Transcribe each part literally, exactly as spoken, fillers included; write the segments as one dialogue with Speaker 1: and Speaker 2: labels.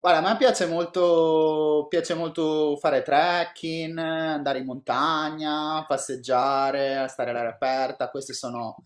Speaker 1: Guarda, a me piace molto, piace molto fare trekking, andare in montagna, passeggiare, stare all'aria aperta, queste sono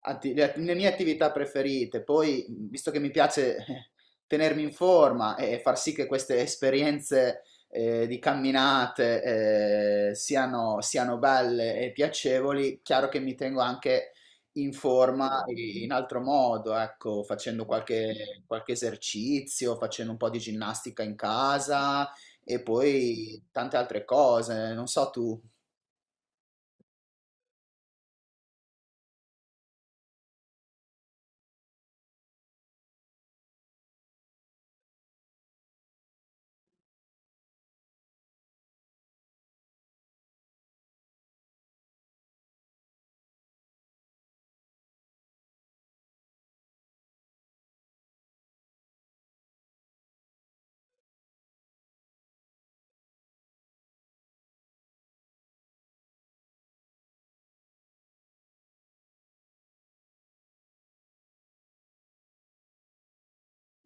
Speaker 1: atti- le, le mie attività preferite. Poi, visto che mi piace eh, tenermi in forma e far sì che queste esperienze eh, di camminate eh, siano, siano belle e piacevoli, chiaro che mi tengo anche in forma e in altro modo, ecco, facendo qualche, qualche esercizio, facendo un po' di ginnastica in casa e poi tante altre cose, non so tu.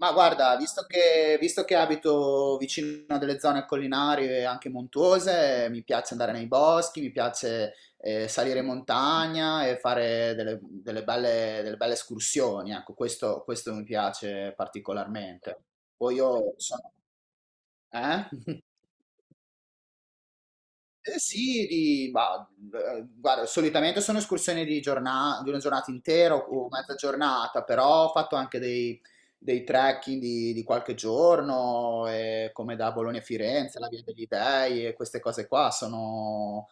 Speaker 1: Ma guarda, visto che, visto che abito vicino a delle zone collinari e anche montuose, mi piace andare nei boschi, mi piace eh, salire in montagna e fare delle, delle belle, delle belle escursioni, ecco, questo, questo mi piace particolarmente. Poi io sono... Eh? Eh sì, di- ma, eh, guarda, solitamente sono escursioni di, giorna- di una giornata intera o mezza giornata, però ho fatto anche dei, dei trekking di, di qualche giorno, eh, come da Bologna a Firenze, la Via degli Dei e queste cose qua sono,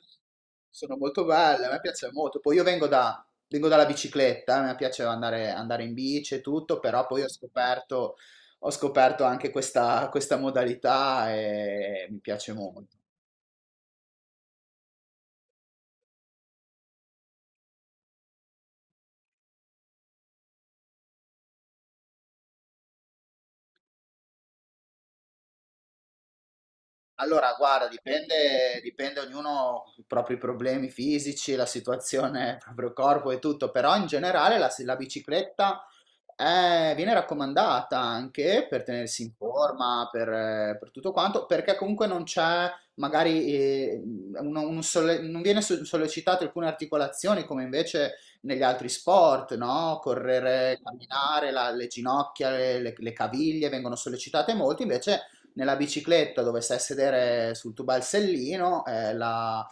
Speaker 1: sono molto belle, a me piace molto. Poi io vengo da- vengo dalla bicicletta, a me piace andare, andare in bici e tutto, però poi ho scoperto, ho scoperto anche questa, questa modalità e mi piace molto. Allora, guarda, dipende, dipende ognuno i propri problemi fisici, la situazione, il proprio corpo e tutto, però in generale la, la bicicletta è- viene raccomandata anche per tenersi in forma, per, eh, per tutto quanto, perché comunque non c'è magari, eh, un- un solle- non viene so- sollecitato alcune articolazioni come invece negli altri sport, no? Correre, camminare, la- le ginocchia, le, le- le caviglie vengono sollecitate molto, invece nella bicicletta dove stai a sedere sul tuo balsellino, eh, la-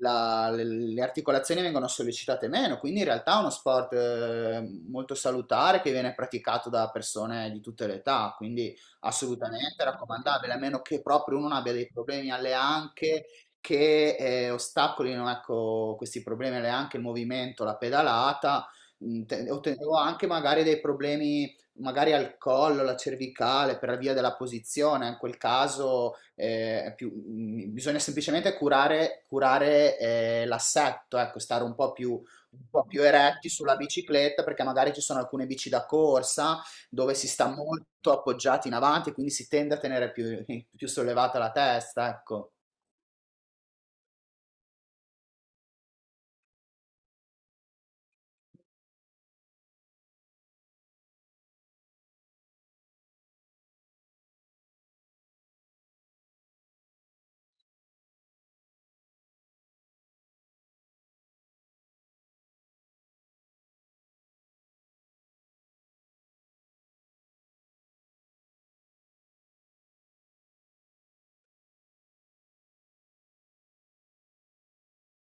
Speaker 1: la- le, le articolazioni vengono sollecitate meno, quindi in realtà è uno sport eh, molto salutare che viene praticato da persone di tutte le età, quindi assolutamente raccomandabile, a meno che proprio uno non abbia dei problemi alle anche che eh, ostacolino, ecco, questi problemi alle anche il movimento, la pedalata. mh, te- Ottenevo anche magari dei problemi magari al collo, la cervicale, per via della posizione, in quel caso eh, è più- mh, bisogna semplicemente curare, curare, eh, l'assetto, ecco, stare un po' più, un po' più eretti sulla bicicletta, perché magari ci sono alcune bici da corsa dove si sta molto appoggiati in avanti, quindi si tende a tenere più, più sollevata la testa, ecco.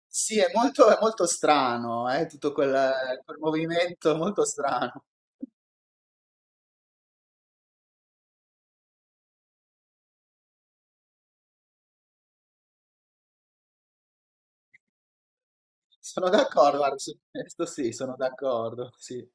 Speaker 1: Sì, è molto, è molto strano, eh, tutto quel, quel movimento molto strano. Sono d'accordo, guarda, su questo sì, sono d'accordo, sì.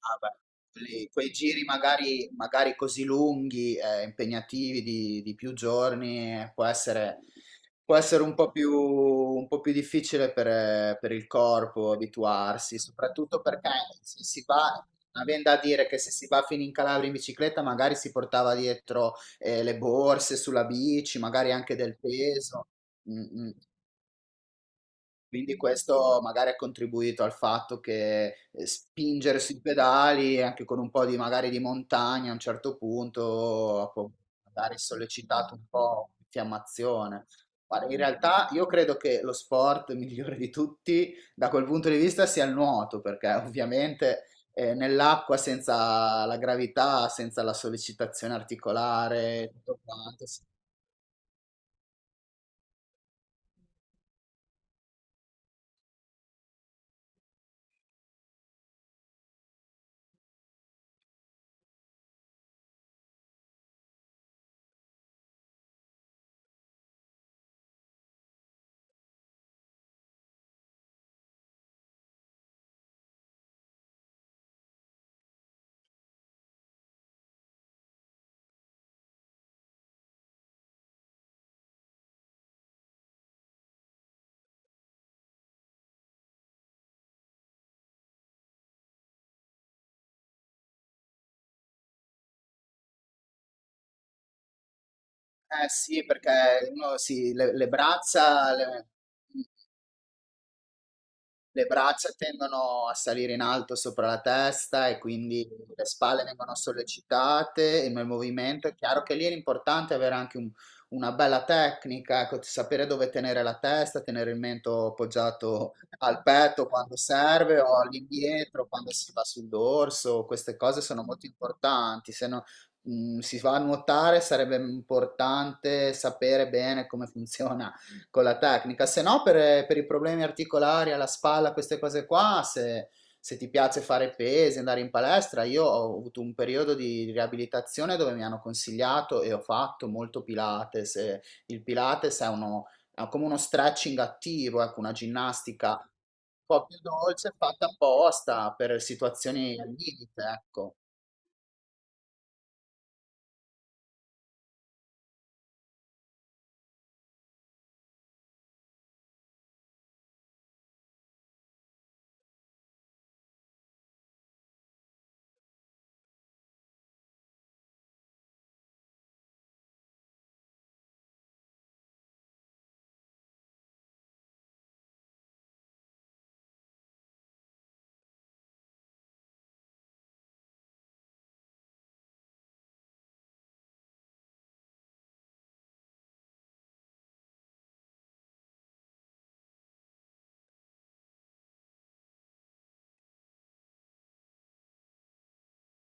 Speaker 1: Ah beh, lì quei giri magari, magari così lunghi, eh, impegnativi di, di più giorni, eh, può essere, può essere un po' più, un po' più difficile per, eh, per il corpo abituarsi, soprattutto perché se si va, avendo a dire che se si va fino in Calabria in bicicletta, magari si portava dietro, eh, le borse sulla bici, magari anche del peso. Mm, mm. Quindi questo magari ha contribuito al fatto che eh, spingere sui pedali, anche con un po' di magari di montagna a un certo punto, ha po- magari sollecitato un po' l'infiammazione. Guarda, in realtà io credo che lo sport migliore di tutti da quel punto di vista sia il nuoto, perché ovviamente eh, nell'acqua senza la gravità, senza la sollecitazione articolare, tutto quanto. si- Eh sì, perché uno si, le, le braccia, le- Le braccia tendono a salire in alto sopra la testa e quindi le spalle vengono sollecitate e nel movimento è chiaro che lì è importante avere anche un- una bella tecnica, ecco, sapere dove tenere la testa, tenere il mento appoggiato al petto quando serve o all'indietro quando si va sul dorso, queste cose sono molto importanti, se no, mm, si va a nuotare sarebbe importante sapere bene come funziona con la tecnica, se no per, per i problemi articolari alla spalla, queste cose qua, se, se ti piace fare pesi, andare in palestra, io ho avuto un periodo di riabilitazione dove mi hanno consigliato e ho fatto molto Pilates. e Il Pilates è uno, è come uno stretching attivo, ecco, una ginnastica un po' più dolce, fatta apposta per situazioni al limite, ecco.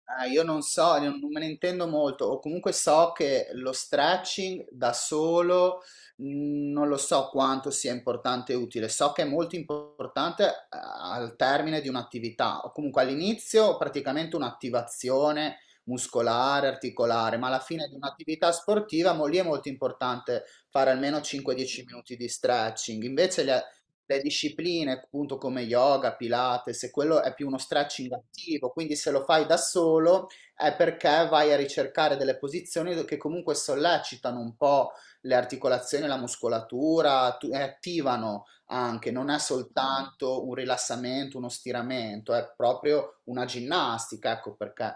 Speaker 1: Ah, io non so, non non me ne intendo molto, o comunque so che lo stretching da solo mh, non lo so quanto sia importante e utile, so che è molto importante eh, al termine di un'attività, o comunque all'inizio praticamente un'attivazione muscolare, articolare, ma alla fine di un'attività sportiva mo lì è molto importante fare almeno cinque dieci minuti di stretching, invece le, le discipline, appunto come yoga, Pilates, e quello è più uno stretching attivo, quindi se lo fai da solo è perché vai a ricercare delle posizioni che comunque sollecitano un po' le articolazioni, la muscolatura, tu- e attivano anche, non è soltanto un rilassamento, uno stiramento, è proprio una ginnastica, ecco perché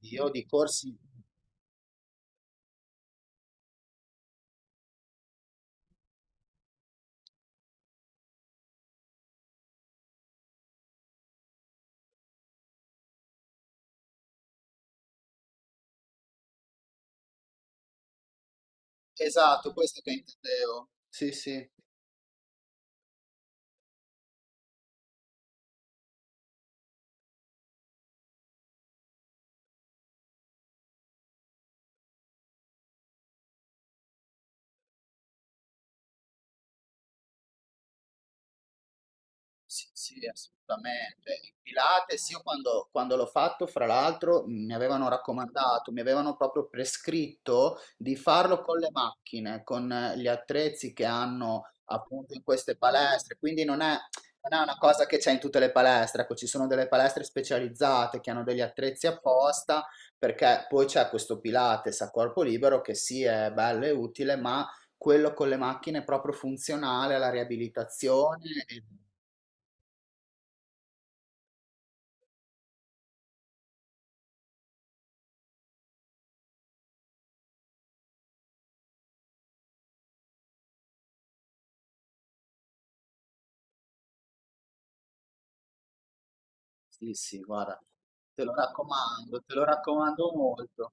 Speaker 1: io di corsi... Esatto, questo che intendevo. Sì, sì. Sì, sì, assolutamente. Il Pilates, io quando, quando l'ho fatto, fra l'altro, mh, mi avevano raccomandato, mi avevano proprio prescritto di farlo con le macchine, con eh, gli attrezzi che hanno appunto in queste palestre. Quindi non è, non è una cosa che c'è in tutte le palestre. Ecco, ci sono delle palestre specializzate che hanno degli attrezzi apposta, perché poi c'è questo Pilates a corpo libero che sì, è bello e utile, ma quello con le macchine è proprio funzionale alla riabilitazione. E sì, sì, guarda, te lo raccomando, te lo raccomando molto,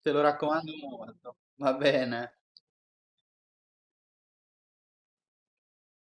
Speaker 1: te lo raccomando molto, va bene.